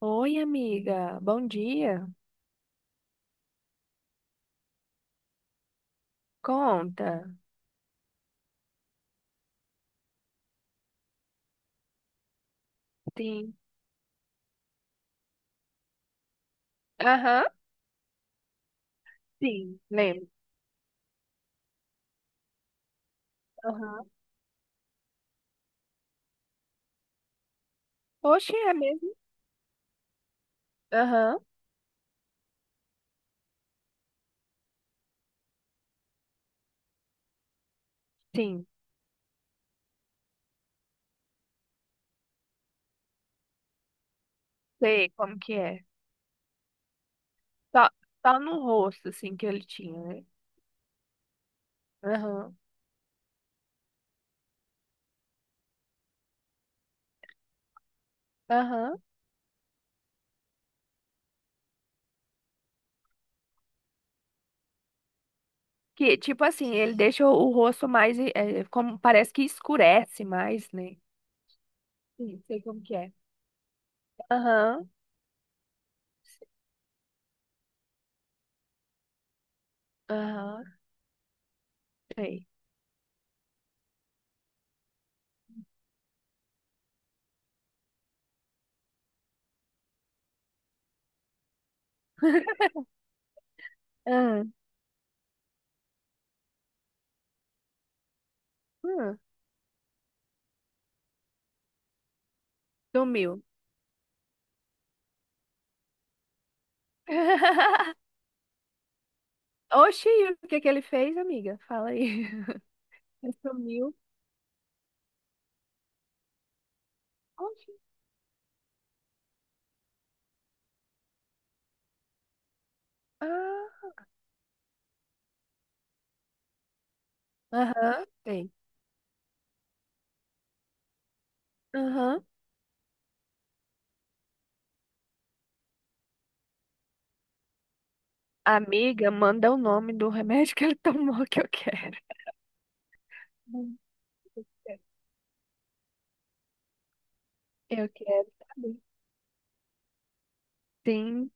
Oi, amiga. Bom dia. Conta. Sim. Aham, sim. Lembro. Aham. Oxe, é mesmo? Aham, sim. Sei como que é. Só, só no rosto, assim, que ele tinha, né? Aham, aham. Que, tipo assim, ele deixa o rosto mais, é como, parece que escurece mais, né? Sim, sei como que é. Aham, aham, sei. Ah, ah, sumiu. Oxi, o que que ele fez, amiga? Fala aí. Sumiu. Oxi. Ah, aham, tem. Aham. Amiga, manda o nome do remédio que ele tomou que eu quero. Hum, Eu quero eu quero saber. Sim.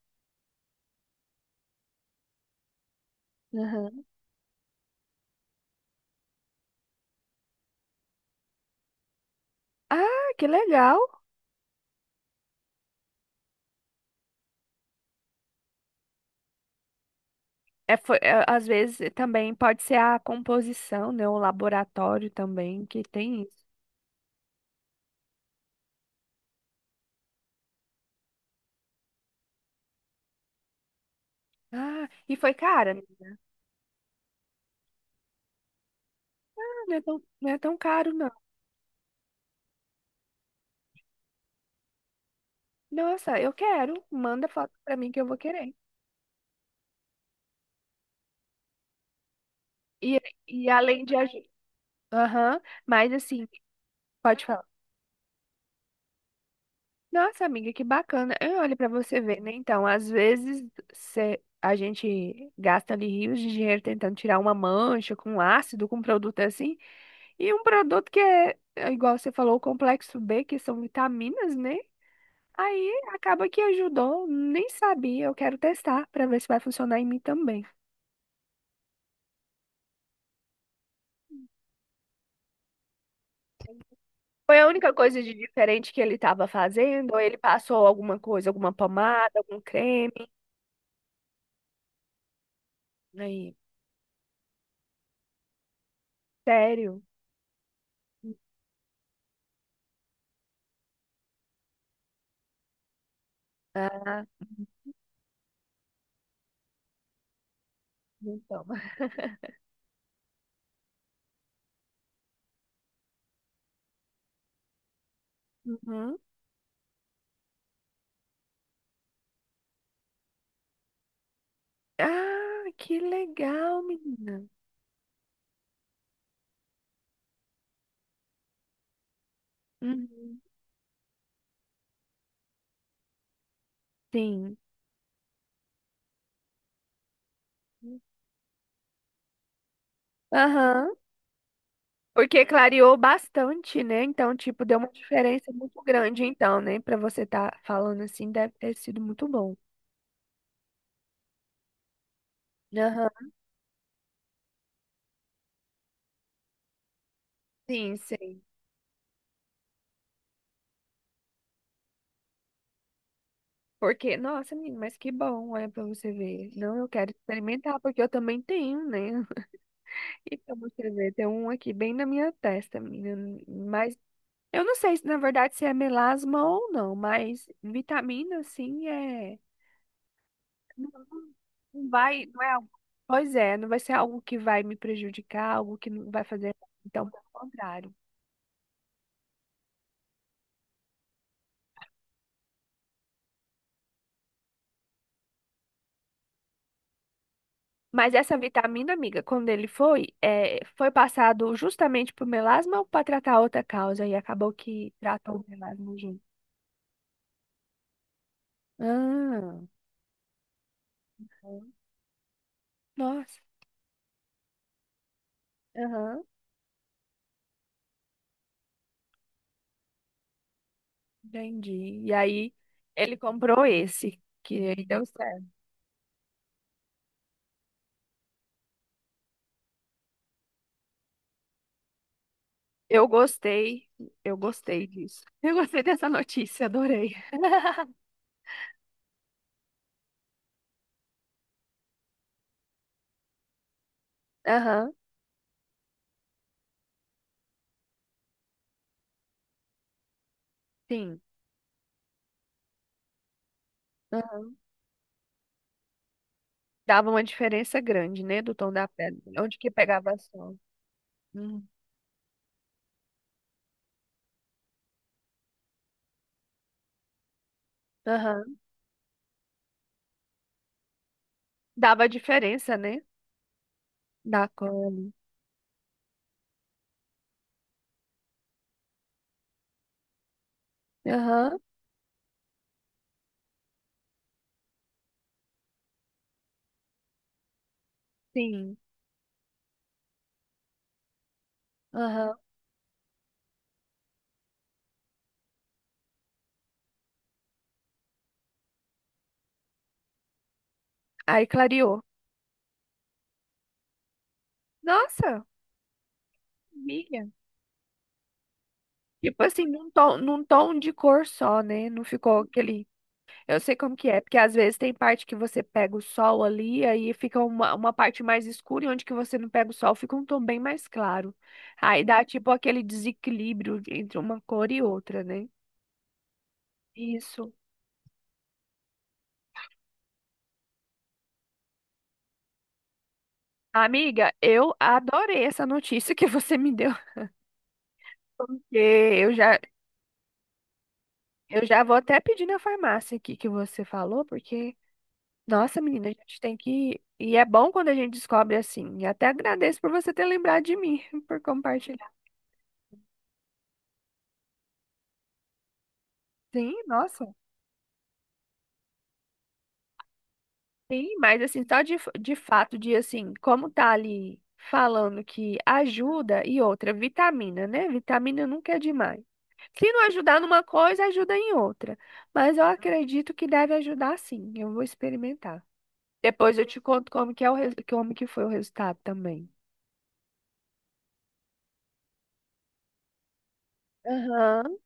Aham. Ah, que legal. É, foi, é, às vezes também pode ser a composição, né? O laboratório também que tem isso. Ah, e foi cara? Ah, não é tão, não é tão caro, não. Nossa, eu quero. Manda foto pra mim que eu vou querer. E, e além de ajudar. Aham, mas assim, pode falar. Nossa, amiga, que bacana. Eu olho para você ver, né? Então, às vezes cê- a gente gasta ali rios de dinheiro tentando tirar uma mancha com um ácido, com um produto assim, e um produto que é, é igual você falou, o complexo B, que são vitaminas, né? Aí acaba que ajudou, nem sabia. Eu quero testar para ver se vai funcionar em mim também. Foi a única coisa de diferente que ele estava fazendo, ou ele passou alguma coisa, alguma pomada, algum creme. Aí, sério? Ah, então. Uhum. Ah, que legal, menina. Uhum. Sim. Aham. Porque clareou bastante, né? Então, tipo, deu uma diferença muito grande, então, né? Pra você estar falando assim, deve ter sido muito bom. Aham. Sim, sim. Porque, nossa, menina, mas que bom, olha, pra você ver. Não, eu quero experimentar, porque eu também tenho, né? E pra você ver, tem um aqui bem na minha testa, menina. Mas eu não sei se, na verdade, se é melasma ou não, mas vitamina, assim é. Não não vai, não é algo. Pois é, não vai ser algo que vai me prejudicar, algo que não vai fazer. Então, pelo contrário. Mas essa vitamina, amiga, quando ele foi, é, foi passado justamente pro melasma ou para tratar outra causa? E acabou que tratou o melasma junto. Ah, nossa, aham, entendi. E aí, ele comprou esse, que aí deu certo. Eu gostei, eu gostei disso. Eu gostei dessa notícia, adorei. Aham. Sim. Dava uma diferença grande, né, do tom da pele. Onde que pegava sol? Hum. Aham. Dava diferença, né, da cor ali. Aham, sim. Aham. Aí clareou. Nossa, amiga. Tipo assim, num tom de cor só, né? Não ficou aquele... Eu sei como que é, porque às vezes tem parte que você pega o sol ali, aí fica uma parte mais escura, e onde que você não pega o sol, fica um tom bem mais claro. Aí dá tipo aquele desequilíbrio entre uma cor e outra, né? Isso. Amiga, eu adorei essa notícia que você me deu, porque eu já vou até pedir na farmácia aqui que você falou, porque, nossa, menina, a gente tem que. E é bom quando a gente descobre assim. E até agradeço por você ter lembrado de mim, por compartilhar. Sim, nossa. Sim, mas assim, só de fato, de assim, como tá ali falando que ajuda e outra, vitamina, né? Vitamina nunca é demais. Se não ajudar numa coisa, ajuda em outra. Mas eu acredito que deve ajudar sim. Eu vou experimentar. Depois eu te conto como que é o res- como que foi o resultado também. Aham.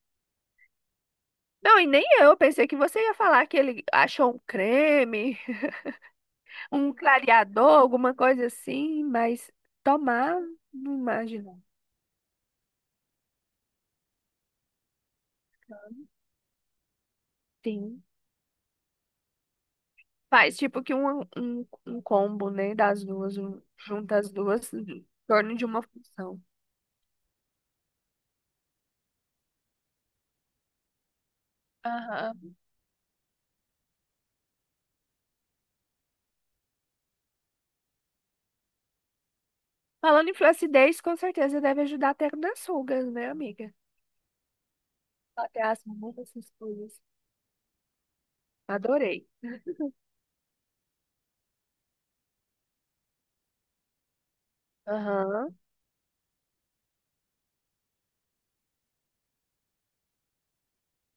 Não, e nem eu. Pensei que você ia falar que ele achou um creme, um clareador, alguma coisa assim, mas tomar, não imagino. Sim. Faz tipo que um combo, né, das duas, um, junta as duas em torno de uma função. Aham. Falando em flacidez, com certeza deve ajudar até nas rugas, né, amiga? Até as rugas, essas coisas. Adorei. Aham,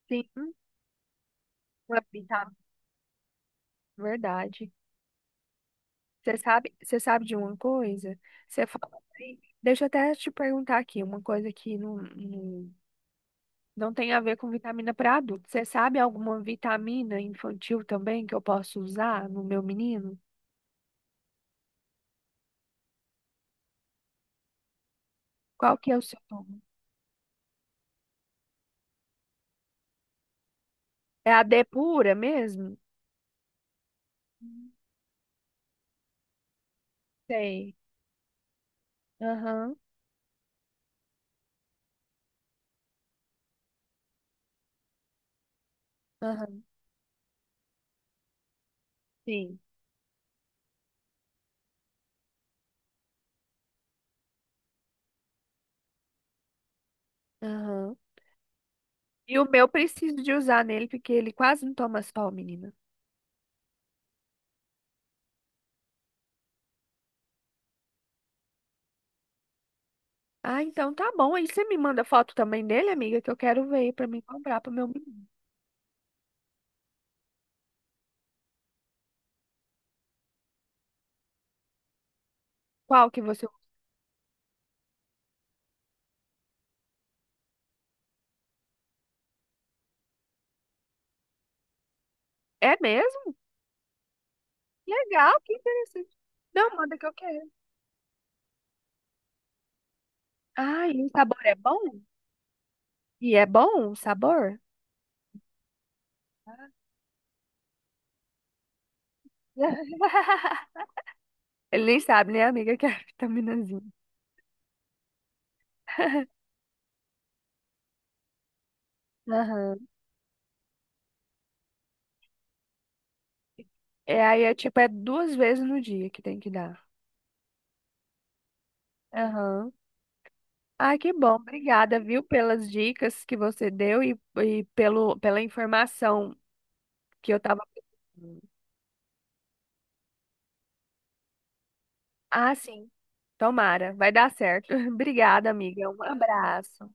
sim, uma vitamina, verdade. Você sabe de uma coisa? Você fala aí. Deixa eu até te perguntar aqui, uma coisa que não, não, não tem a ver com vitamina para adulto. Você sabe alguma vitamina infantil também que eu posso usar no meu menino? Qual que é o seu nome? É a D pura mesmo? Hum, Sei. Aham, aham, sim. Aham. E o meu preciso de usar nele, porque ele quase não toma sol, menina. Ah, então tá bom. Aí você me manda foto também dele, amiga, que eu quero ver pra mim comprar pro meu menino. Qual que você... É mesmo? Legal, que interessante. Não, manda que eu quero. Ah, e o sabor é bom? E é bom o sabor? Ele nem sabe, né, amiga, que é vitaminazinha. Aham. É, aí é tipo, é 2 vezes no dia que tem que dar. Aham. Ah, que bom. Obrigada, viu, pelas dicas que você deu e pelo, pela informação que eu tava. Ah, sim. Tomara, vai dar certo. Obrigada, amiga. Um abraço.